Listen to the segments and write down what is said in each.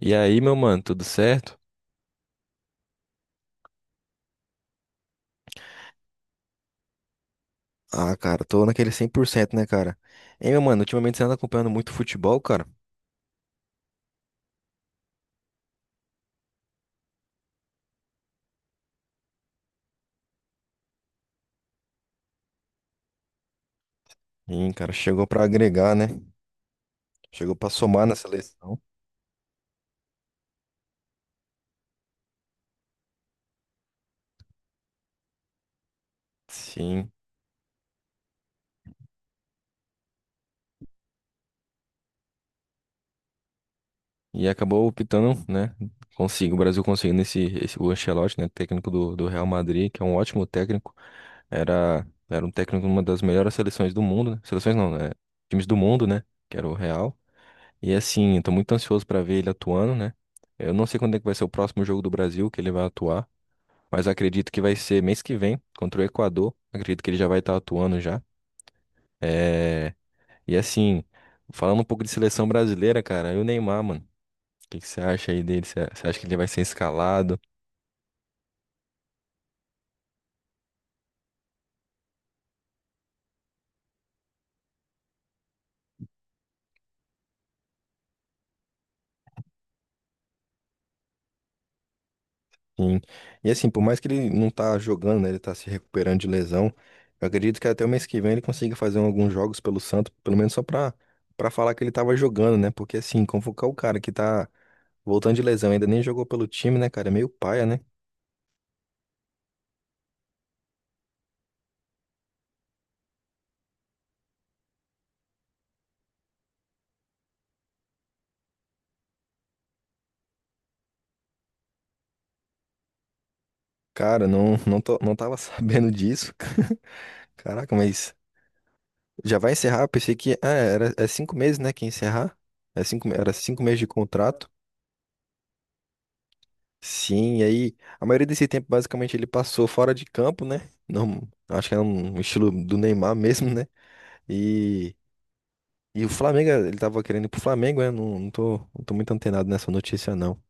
E aí, meu mano, tudo certo? Ah, cara, tô naquele cem por cento, né, cara? Hein, meu mano, ultimamente você anda acompanhando muito futebol, cara? Sim, cara, chegou pra agregar, né? Chegou pra somar na seleção. Sim. E acabou optando, né? Consigo, o Brasil conseguindo esse o Ancelotti, né? Técnico do Real Madrid, que é um ótimo técnico. Era um técnico de uma das melhores seleções do mundo, né? Seleções não, né? Times do mundo, né? Que era o Real. E assim, eu tô muito ansioso pra ver ele atuando, né? Eu não sei quando é que vai ser o próximo jogo do Brasil que ele vai atuar, mas acredito que vai ser mês que vem contra o Equador. Acredito que ele já vai estar atuando já. É. E assim, falando um pouco de seleção brasileira, cara, e o Neymar, mano. O que que você acha aí dele? Você acha que ele vai ser escalado? Sim. E assim, por mais que ele não tá jogando, né, ele tá se recuperando de lesão, eu acredito que até o mês que vem ele consiga fazer alguns jogos pelo Santos, pelo menos só pra falar que ele tava jogando, né? Porque assim, convocar o cara que tá voltando de lesão, ainda nem jogou pelo time, né, cara? É meio paia, né? Cara, não, tava sabendo disso. Caraca, mas já vai encerrar? Eu pensei que é cinco meses, né, que ia encerrar. Era cinco meses de contrato. Sim, e aí a maioria desse tempo basicamente ele passou fora de campo, né? Não, acho que é um estilo do Neymar mesmo, né? E, e o Flamengo, ele tava querendo ir pro Flamengo, né? Não, tô muito antenado nessa notícia, não.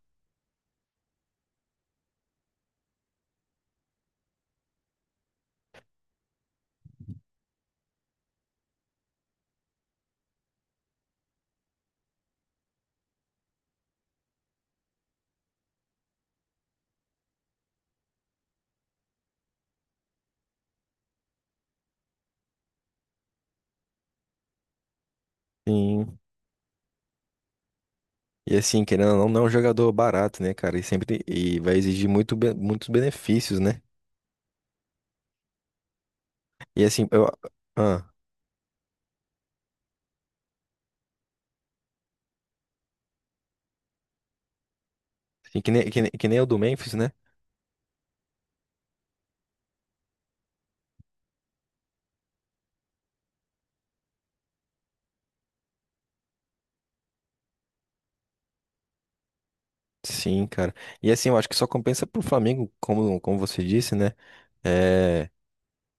Sim. E assim, querendo ou não, não é um jogador barato, né, cara? E vai exigir muitos benefícios, né? E assim, eu. Ah, assim, que nem o do Memphis, né? Sim, cara. E assim, eu acho que só compensa pro Flamengo, como você disse, né? É,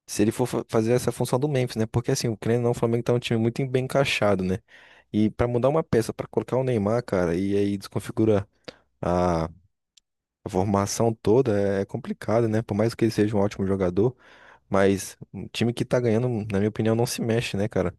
se ele fazer essa função do Memphis, né? Porque assim, o querendo ou não, o Flamengo tá um time muito bem encaixado, né? E pra mudar uma peça, pra colocar o Neymar, cara, e aí desconfigura a, a formação toda, é complicado, né? Por mais que ele seja um ótimo jogador, mas um time que tá ganhando, na minha opinião, não se mexe, né, cara?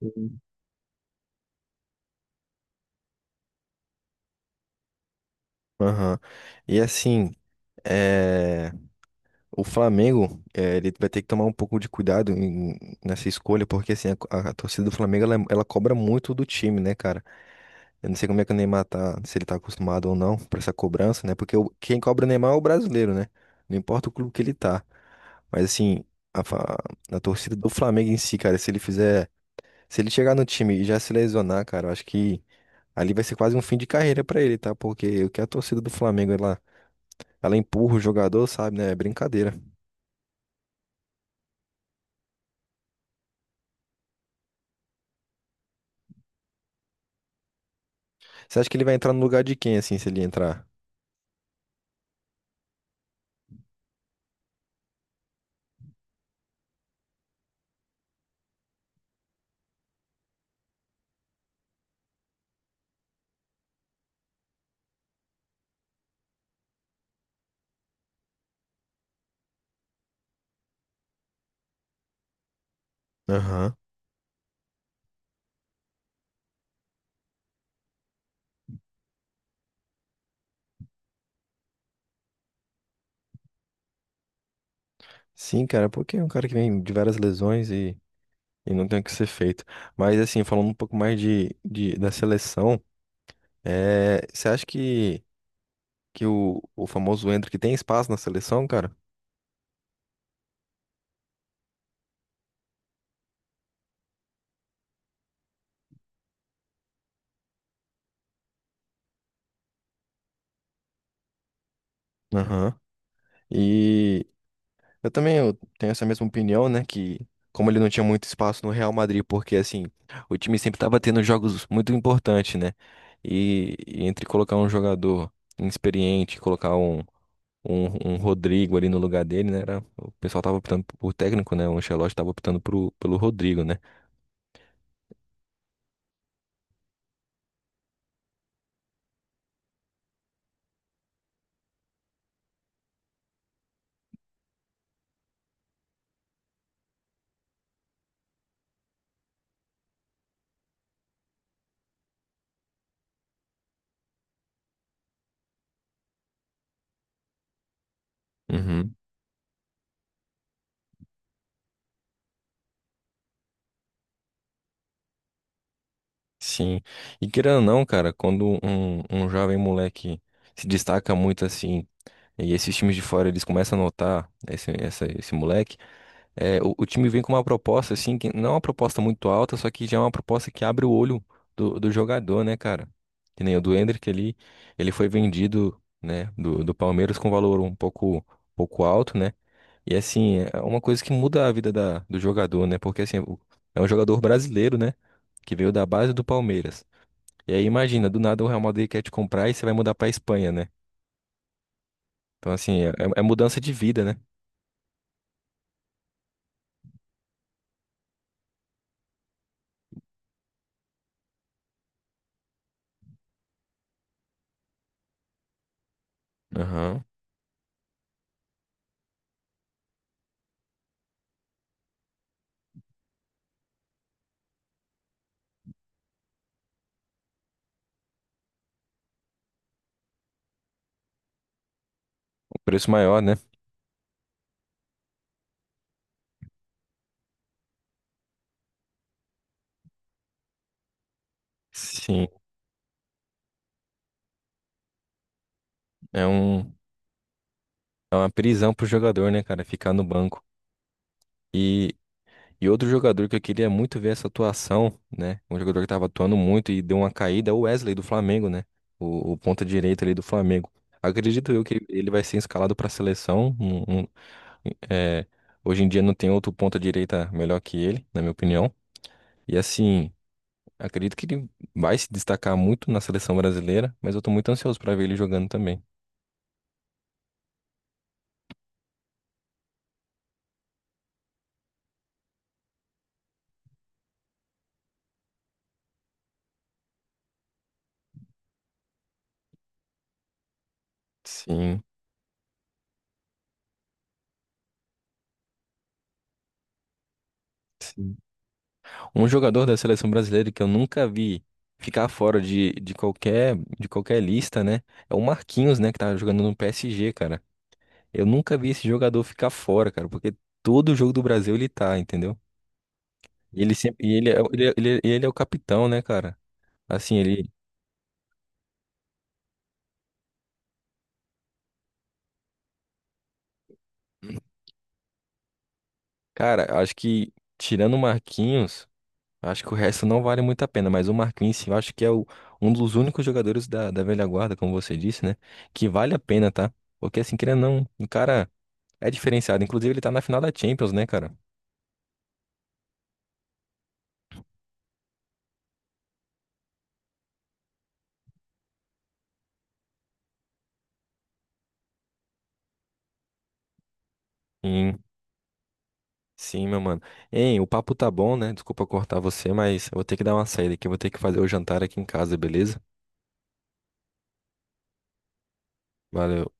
Sim. Aham. E assim, é, o Flamengo, é, ele vai ter que tomar um pouco de cuidado nessa escolha, porque assim, a torcida do Flamengo, ela, é, ela cobra muito do time, né, cara? Eu não sei como é que o Neymar tá, se ele tá acostumado ou não pra essa cobrança, né? Porque quem cobra o Neymar é o brasileiro, né? Não importa o clube que ele tá. Mas assim, a, fa- a torcida do Flamengo em si, cara, se ele fizer. Se ele chegar no time e já se lesionar, cara, eu acho que ali vai ser quase um fim de carreira pra ele, tá? Porque o que a torcida do Flamengo, ela empurra o jogador, sabe, né? É brincadeira. Você acha que ele vai entrar no lugar de quem, assim, se ele entrar? Aham. Sim, cara, porque é um cara que vem de várias lesões e não tem o que ser feito. Mas, assim, falando um pouco mais da seleção, é, você acha que o famoso Endrick tem espaço na seleção, cara? Aham. E, eu também eu tenho essa mesma opinião, né? Que como ele não tinha muito espaço no Real Madrid, porque assim, o time sempre estava tendo jogos muito importantes, né? E entre colocar um jogador inexperiente, colocar um Rodrigo ali no lugar dele, né? Era, o pessoal tava optando por técnico, né? O Ancelotti tava optando pelo Rodrigo, né? Uhum. Sim. E querendo ou não, cara, quando um jovem moleque se destaca muito assim. E esses times de fora, eles começam a notar esse moleque. É, o time vem com uma proposta, assim, que não é uma proposta muito alta, só que já é uma proposta que abre o olho do jogador, né, cara? Que nem o do Endrick ali, ele foi vendido, né, do Palmeiras com valor pouco alto, né? E assim, é uma coisa que muda a vida do jogador, né? Porque assim, é um jogador brasileiro, né? Que veio da base do Palmeiras. E aí imagina, do nada o Real Madrid quer te comprar e você vai mudar pra Espanha, né? Então assim, é mudança de vida, né? Aham. O preço maior, né? Sim, é um. É uma prisão pro jogador, né, cara? Ficar no banco. E, e outro jogador que eu queria muito ver essa atuação, né? Um jogador que tava atuando muito e deu uma caída é o Wesley do Flamengo, né? O ponta direita ali do Flamengo. Acredito eu que ele vai ser escalado pra seleção. É, Hoje em dia não tem outro ponta direita melhor que ele, na minha opinião. E assim, acredito que ele vai se destacar muito na seleção brasileira, mas eu tô muito ansioso pra ver ele jogando também. Sim. Sim. Um jogador da seleção brasileira que eu nunca vi ficar fora de qualquer lista, né? É o Marquinhos, né, que tá jogando no PSG, cara. Eu nunca vi esse jogador ficar fora, cara, porque todo jogo do Brasil ele tá, entendeu? E ele sempre e ele é, o- ele, é- ele, é ele é o capitão, né, cara? Assim, ele, cara, acho que tirando o Marquinhos, acho que o resto não vale muito a pena, mas o Marquinhos, sim, eu acho que é um dos únicos jogadores da velha guarda, como você disse, né, que vale a pena, tá? Porque assim, querendo ou não, o cara é diferenciado. Inclusive, ele tá na final da Champions, né, cara? Sim, sim, meu mano. Hein, o papo tá bom, né? Desculpa cortar você, mas eu vou ter que dar uma saída aqui. Eu Vou ter que fazer o jantar aqui em casa, beleza? Valeu.